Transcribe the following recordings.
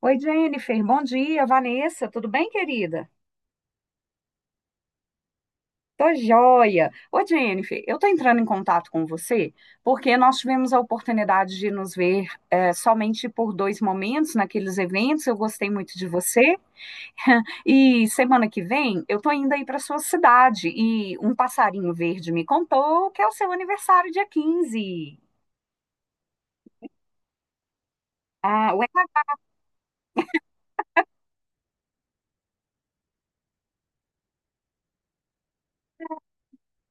Oi, Jennifer. Bom dia, Vanessa. Tudo bem, querida? Tô joia. Oi, Jennifer. Eu tô entrando em contato com você porque nós tivemos a oportunidade de nos ver somente por dois momentos naqueles eventos. Eu gostei muito de você. E semana que vem eu tô indo aí para sua cidade e um passarinho verde me contou que é o seu aniversário dia 15. Ah, ué,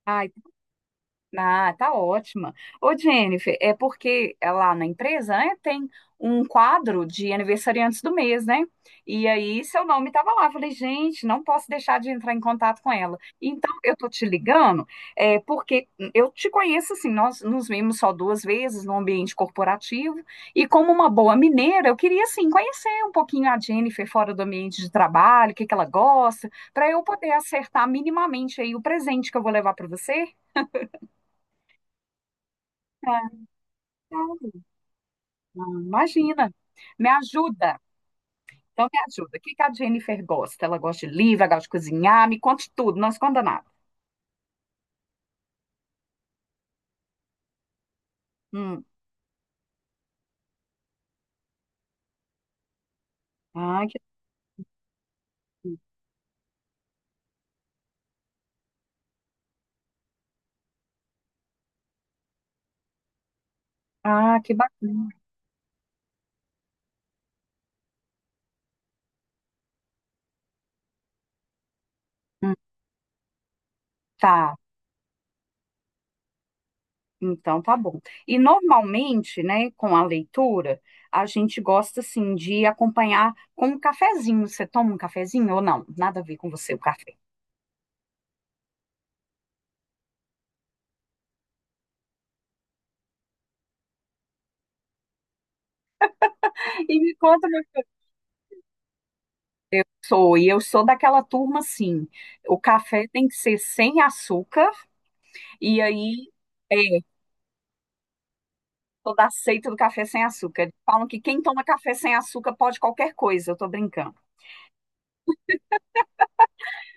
ai, Ah, tá ótima. Ô, Jennifer, é porque lá na empresa, né, tem um quadro de aniversariantes do mês, né? E aí seu nome estava lá. Eu falei, gente, não posso deixar de entrar em contato com ela. Então, eu tô te ligando, porque eu te conheço assim, nós nos vimos só duas vezes no ambiente corporativo, e como uma boa mineira, eu queria assim conhecer um pouquinho a Jennifer fora do ambiente de trabalho, o que que ela gosta, para eu poder acertar minimamente aí o presente que eu vou levar para você. Imagina. Me ajuda. Então me ajuda. O que que a Jennifer gosta? Ela gosta de livro, ela gosta de cozinhar. Me conte tudo, não esconda nada. Hum. Ah, que, ah, que bacana. Hum, Tá, então tá bom. E normalmente, né, com a leitura, a gente gosta, assim, de acompanhar com um cafezinho. Você toma um cafezinho ou não? Nada a ver com você, o café. E me conta como eu sou. E eu sou daquela turma, assim, o café tem que ser sem açúcar. E aí... é, Toda a seita do café sem açúcar. Eles falam que quem toma café sem açúcar pode qualquer coisa, eu tô brincando.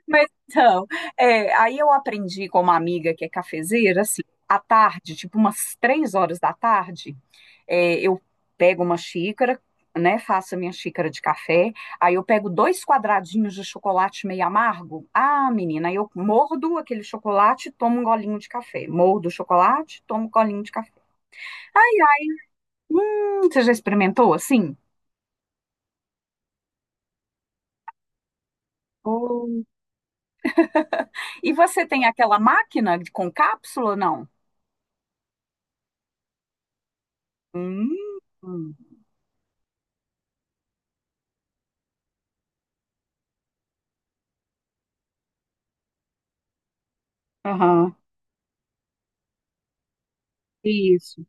Mas então, aí eu aprendi com uma amiga que é cafezeira, assim, à tarde, tipo umas 3 horas da tarde, eu pego uma xícara, né, faço a minha xícara de café, aí eu pego dois quadradinhos de chocolate meio amargo. Ah, menina, aí eu mordo aquele chocolate e tomo um golinho de café. Mordo o chocolate, tomo um golinho de café. Ai, ai, você já experimentou assim? E você tem aquela máquina com cápsula, não? Hum, aham, isso,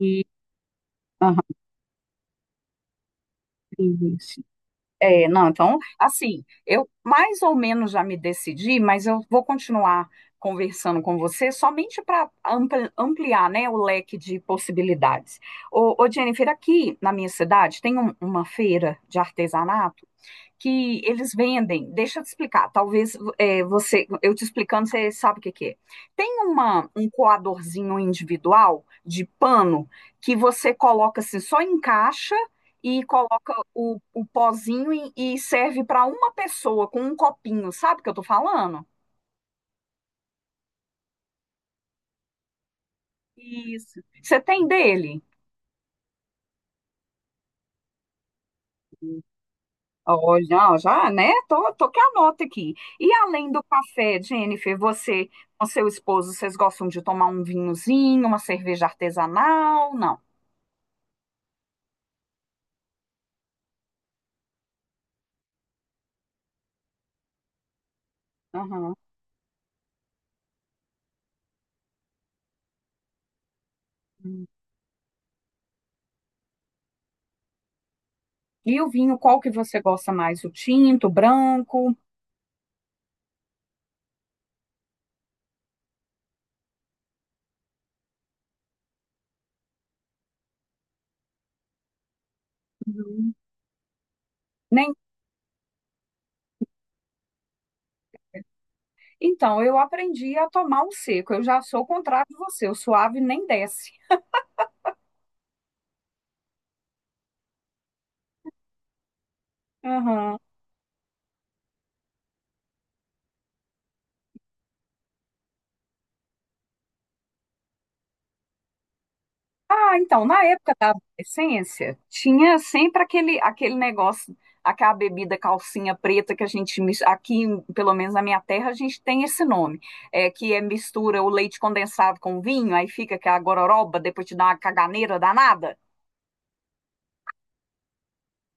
e, aham, isso. É, não, então, assim, eu mais ou menos já me decidi, mas eu vou continuar conversando com você somente para ampliar, né, o leque de possibilidades. Ô, Jennifer, aqui na minha cidade tem uma feira de artesanato que eles vendem. Deixa eu te explicar. Talvez você, eu te explicando, você sabe o que, que é. Tem um coadorzinho individual de pano que você coloca assim, só encaixa e coloca o pozinho e serve para uma pessoa com um copinho. Sabe o que eu tô falando? Isso. Você tem dele? Olha, já, já, né? Tô que anota aqui. E além do café, Jennifer, você com seu esposo, vocês gostam de tomar um vinhozinho, uma cerveja artesanal? Não. Aham. Hum. E o vinho, qual que você gosta mais? O tinto, o branco? Uhum. Nem... Então, eu aprendi a tomar o seco. Eu já sou o contrário de você. O suave nem desce. Aham. Ah, então, na época da adolescência, tinha sempre aquele negócio, aquela bebida calcinha preta que a gente, aqui, pelo menos na minha terra, a gente tem esse nome, que é mistura o leite condensado com vinho, aí fica aquela gororoba, depois te dá uma caganeira danada.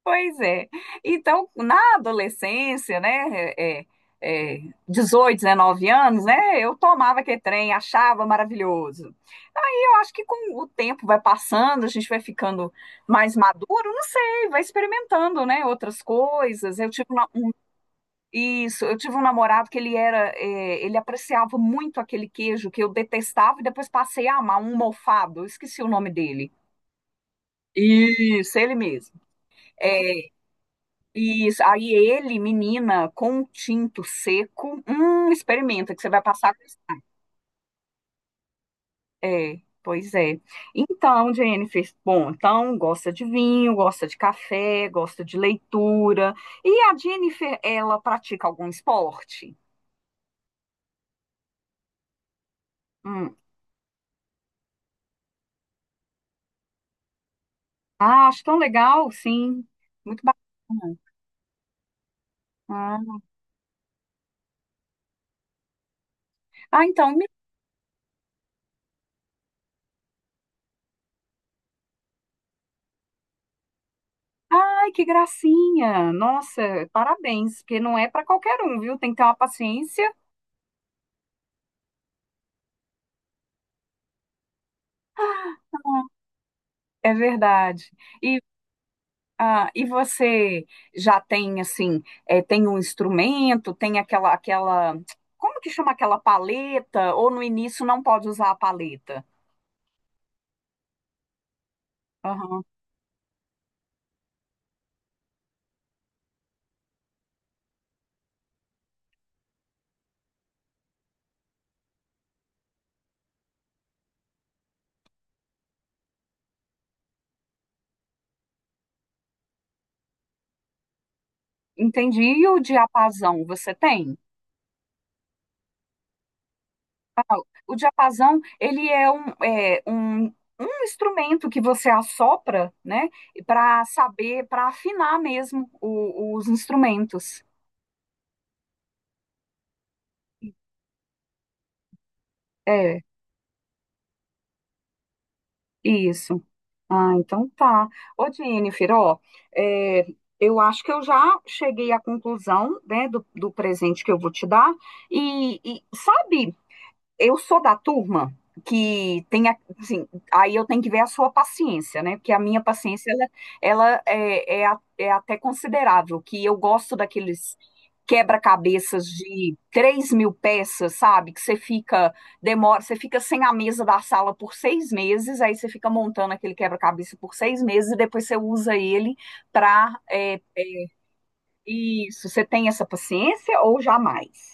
Pois é. Então, na adolescência, né, é, é, 18, 19 anos, né, eu tomava aquele trem, achava maravilhoso. Aí eu acho que com o tempo vai passando, a gente vai ficando mais maduro, não sei, vai experimentando, né, outras coisas. Isso, eu tive um namorado que ele era, ele apreciava muito aquele queijo que eu detestava e depois passei a amar um mofado, eu esqueci o nome dele. Isso, ele mesmo. É, isso, aí ele, menina, com um tinto seco, experimenta que você vai passar a gostar. É, pois é. Então, Jennifer, bom, então gosta de vinho, gosta de café, gosta de leitura. E a Jennifer, ela pratica algum esporte? Hum. Ah, acho tão legal, sim. Muito bacana. Ah, ah, ai, que gracinha. Nossa, parabéns, porque não é para qualquer um, viu? Tem que ter uma paciência. É verdade. E e você já tem assim, tem um instrumento, tem aquela, como que chama aquela paleta? Ou no início não pode usar a paleta? Aham, entendi. E o diapasão você tem? O diapasão, ele é um instrumento que você assopra, né, para saber, para afinar mesmo os instrumentos. É, isso. Ah, então tá. Ô, Jennifer, ó, é, eu acho que eu já cheguei à conclusão, né, do presente que eu vou te dar. E sabe, eu sou da turma que tem, assim, aí eu tenho que ver a sua paciência, né? Porque a minha paciência, ela é até considerável, que eu gosto daqueles quebra-cabeças de 3 mil peças, sabe? Que você fica, demora, você fica sem a mesa da sala por 6 meses, aí você fica montando aquele quebra-cabeça por 6 meses e depois você usa ele para, isso, você tem essa paciência ou jamais?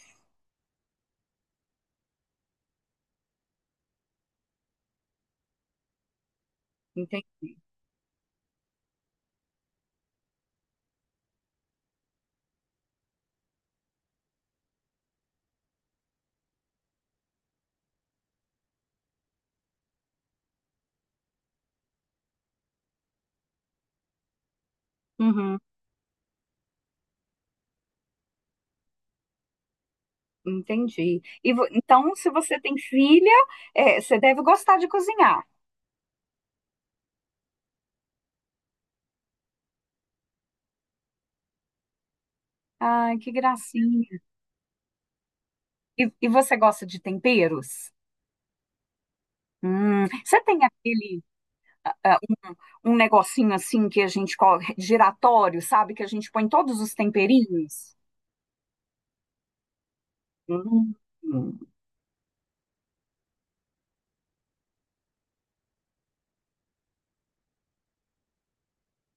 Entende? Uhum. Entendi. E então, se você tem filha, você deve gostar de cozinhar. Ai, que gracinha. E você gosta de temperos? Você tem aquele, ah, um um negocinho assim que a gente coloca, giratório, sabe? Que a gente põe todos os temperinhos? Hum,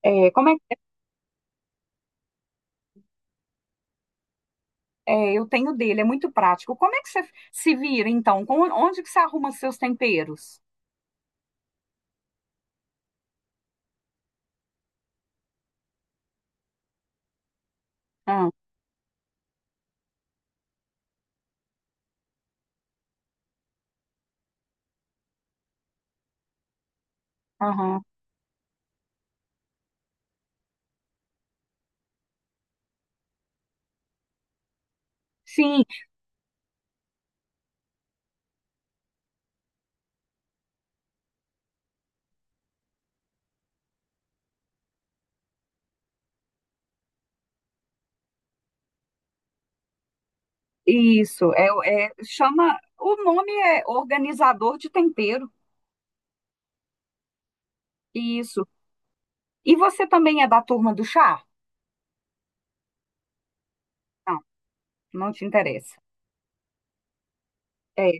é, como é, eu tenho dele, é muito prático. Como é que você se vira, então? Onde que você arruma seus temperos? Ah, aham. Sim, isso, chama, o nome é organizador de tempero, isso. E você também é da turma do chá? Não, não te interessa. É.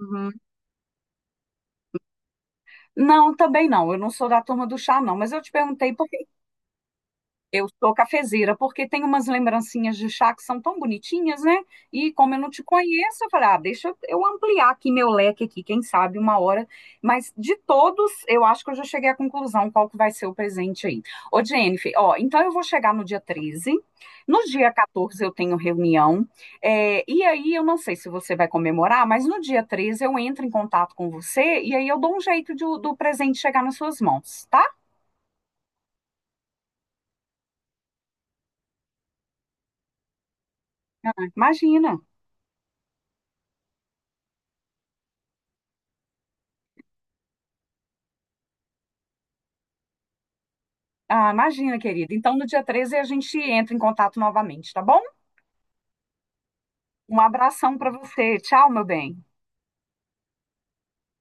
Uhum. Não, também não, eu não sou da turma do chá, não, mas eu te perguntei. Eu sou cafezeira, porque tem umas lembrancinhas de chá que são tão bonitinhas, né? E como eu não te conheço, eu falei, ah, deixa eu ampliar aqui meu leque aqui, quem sabe uma hora. Mas de todos, eu acho que eu já cheguei à conclusão qual que vai ser o presente aí. Ô, Jennifer, ó, então eu vou chegar no dia 13. No dia 14 eu tenho reunião. E aí eu não sei se você vai comemorar, mas no dia 13 eu entro em contato com você e aí eu dou um jeito de do presente chegar nas suas mãos, tá? Imagina. Ah, imagina, querida. Então, no dia 13 a gente entra em contato novamente, tá bom? Um abração para você. Tchau, meu bem.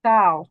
Tchau.